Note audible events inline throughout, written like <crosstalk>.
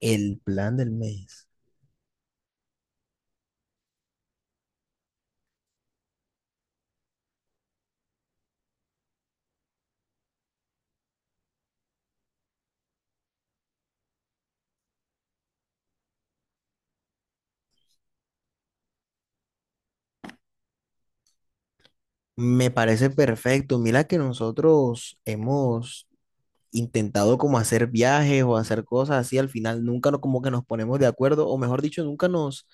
El plan del mes. Me parece perfecto. Mira que nosotros hemos intentado como hacer viajes o hacer cosas así, al final nunca no- como que nos ponemos de acuerdo, o mejor dicho, nunca nos,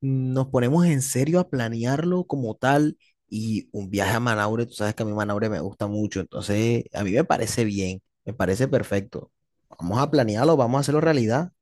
nos ponemos en serio a planearlo como tal. Y un viaje a Manaure, tú sabes que a mí Manaure me gusta mucho, entonces a mí me parece bien, me parece perfecto. Vamos a planearlo, vamos a hacerlo realidad.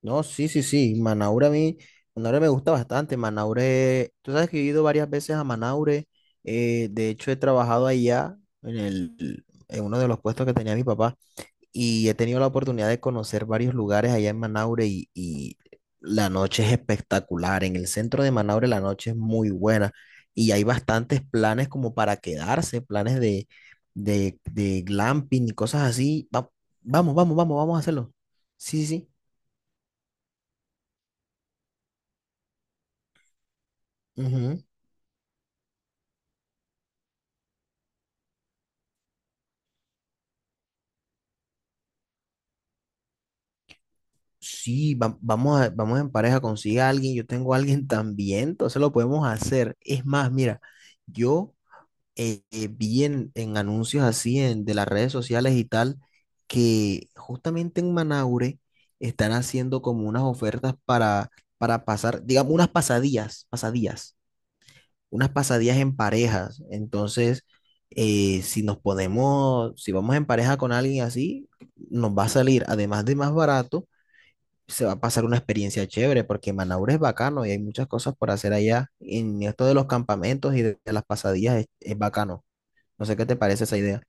No, sí, sí, sí. Manaure a mí, Manaure me gusta bastante. Manaure, tú sabes que he ido varias veces a Manaure. De hecho, he trabajado allá en en uno de los puestos que tenía mi papá y he tenido la oportunidad de conocer varios lugares allá en Manaure y la noche es espectacular. En el centro de Manaure la noche es muy buena y hay bastantes planes como para quedarse, planes de glamping y cosas así. Vamos a hacerlo. Sí, sí. Sí. Sí, vamos a, vamos en pareja, consigue a alguien, yo tengo a alguien <laughs> también, entonces lo podemos hacer. Es más, mira, yo vi en anuncios así en, de las redes sociales y tal, que justamente en Manaure están haciendo como unas ofertas para pasar, digamos, unas pasadías, pasadías, unas pasadías en parejas. Entonces, si nos ponemos, si vamos en pareja con alguien así, nos va a salir, además de más barato, se va a pasar una experiencia chévere porque Manaure es bacano y hay muchas cosas por hacer allá. En esto de los campamentos y de las pasadillas es bacano. No sé qué te parece esa idea.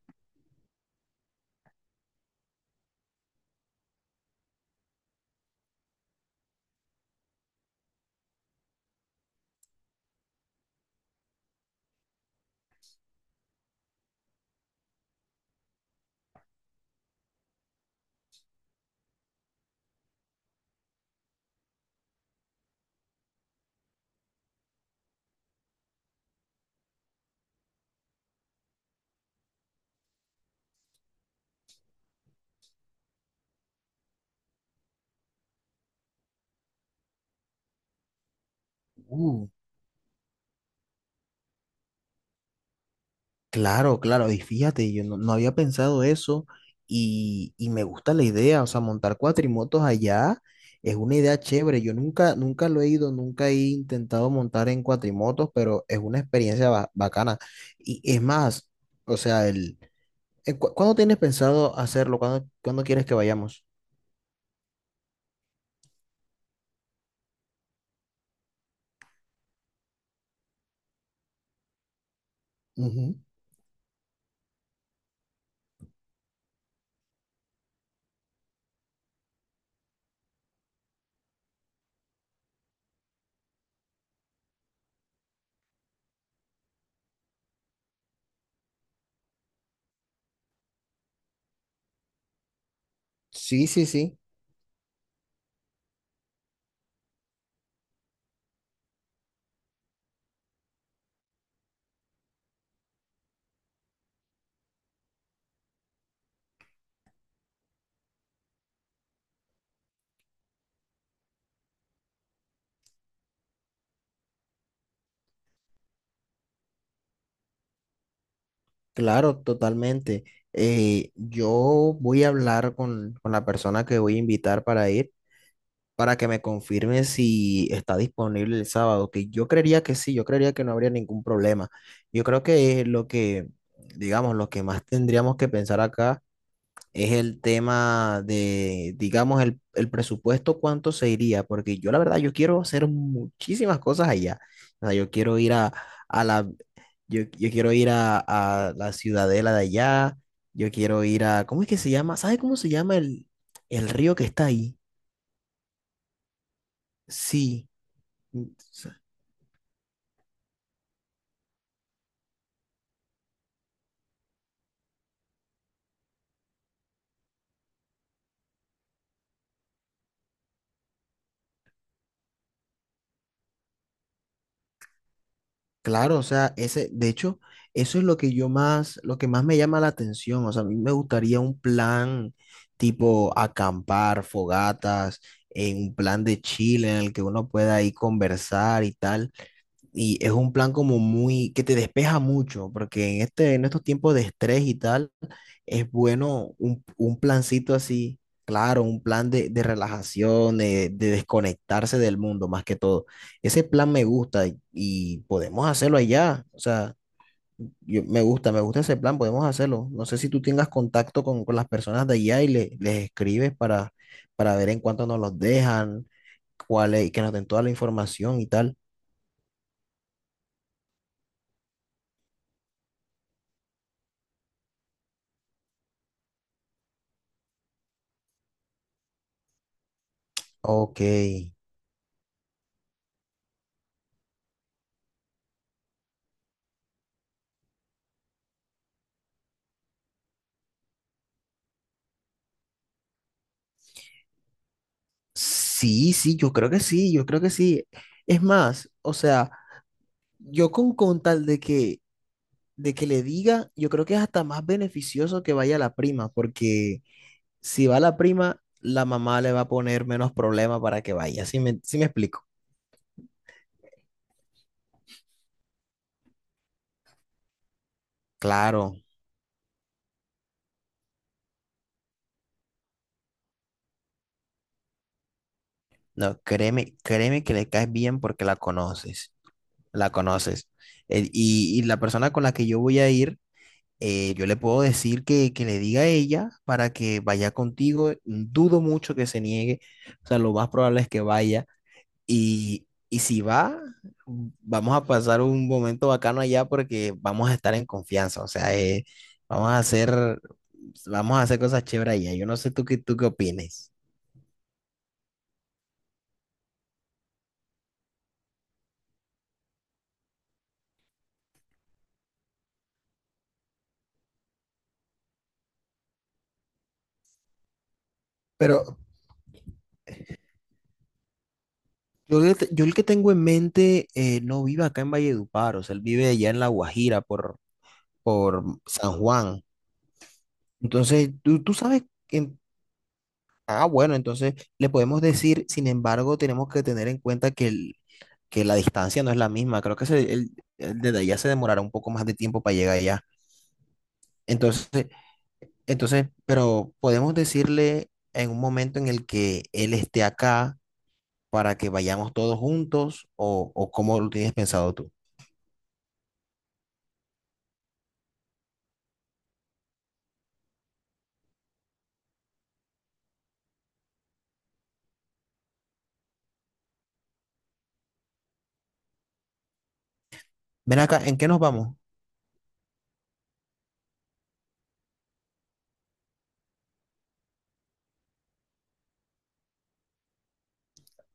Uh, Claro, claro, y fíjate, yo no, no había pensado eso y me gusta la idea, o sea, montar cuatrimotos allá es una idea chévere, yo nunca, nunca lo he ido, nunca he intentado montar en cuatrimotos, pero es una experiencia bacana. Y es más, o sea, ¿cuándo tienes pensado hacerlo? ¿Cuándo, cuándo quieres que vayamos? Ujú. Sí, sí, sí, claro, totalmente. Yo voy a hablar con la persona que voy a invitar para ir, para que me confirme si está disponible el sábado, que yo creería que sí, yo creería que no habría ningún problema. Yo creo que es lo que, digamos, lo que más tendríamos que pensar acá es el tema de, digamos, el presupuesto, cuánto se iría, porque yo la verdad, yo quiero hacer muchísimas cosas allá. O sea, yo quiero ir a la, yo, yo quiero ir a la ciudadela de allá, yo quiero ir a, ¿cómo es que se llama? ¿Sabe cómo se llama el río que está ahí? Sí. Mm. Claro, o sea, ese, de hecho, eso es lo que yo más, lo que más me llama la atención. O sea, a mí me gustaría un plan tipo acampar, fogatas, un plan de Chile en el que uno pueda ahí conversar y tal. Y es un plan como muy, que te despeja mucho, porque en este, en estos tiempos de estrés y tal, es bueno un plancito así, claro, un plan de relajación, de desconectarse del mundo más que todo. Ese plan me gusta y podemos hacerlo allá. O sea, yo, me gusta ese plan, podemos hacerlo. No sé si tú tengas contacto con las personas de allá y les escribes para ver en cuánto nos los dejan, cuál es, que nos den toda la información y tal. Ok. Sí, sí, yo creo que sí, yo creo que sí. Es más, o sea, yo con tal de que le diga, yo creo que es hasta más beneficioso que vaya la prima, porque si va la prima, la mamá le va a poner menos problema para que vaya. Sí me explico? Claro, no, créeme, créeme que le caes bien porque la conoces, la conoces. Y la persona con la que yo voy a ir, yo le puedo decir que le diga a ella para que vaya contigo. Dudo mucho que se niegue. O sea, lo más probable es que vaya. Y si va, vamos a pasar un momento bacano allá porque vamos a estar en confianza. O sea, vamos a hacer, vamos a hacer cosas chéveres allá. Yo no sé tú qué opines. Pero yo, yo el que tengo en mente no vive acá en Valledupar. O sea, él vive allá en La Guajira por San Juan. Entonces, tú sabes en. Ah, bueno, entonces le podemos decir, sin embargo, tenemos que tener en cuenta que, que la distancia no es la misma. Creo que el desde allá se demorará un poco más de tiempo para llegar allá. Entonces, entonces, pero podemos decirle en un momento en el que él esté acá para que vayamos todos juntos o cómo lo tienes pensado tú. Ven acá, ¿en qué nos vamos?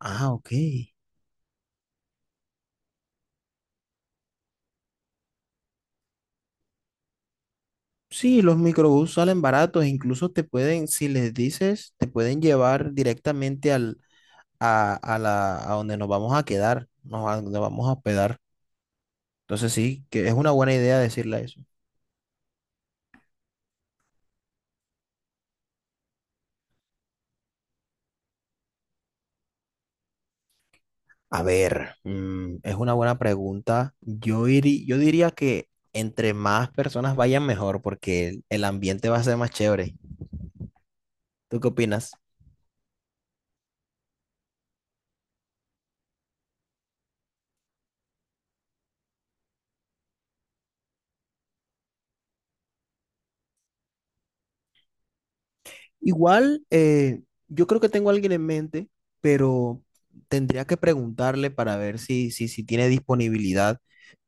Ah, ok. Sí, los microbús salen baratos, incluso te pueden, si les dices, te pueden llevar directamente a donde nos vamos a quedar, nos, a donde vamos a hospedar. Entonces sí, que es una buena idea decirle eso. A ver, mm, es una buena pregunta. Yo, yo diría que entre más personas vayan mejor porque el ambiente va a ser más chévere. ¿Tú qué opinas? Igual, yo creo que tengo a alguien en mente, pero tendría que preguntarle para ver si tiene disponibilidad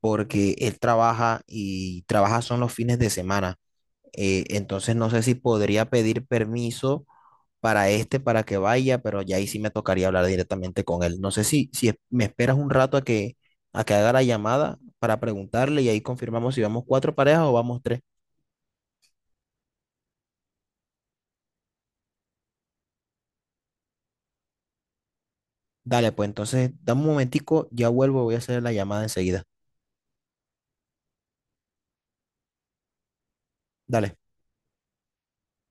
porque él trabaja y trabaja son los fines de semana. Entonces no sé si podría pedir permiso para este, para que vaya, pero ya ahí sí me tocaría hablar directamente con él. No sé si, si es- me esperas un rato a que haga la llamada para preguntarle y ahí confirmamos si vamos cuatro parejas o vamos tres. Dale, pues entonces dame un momentico, ya vuelvo, voy a hacer la llamada enseguida. Dale.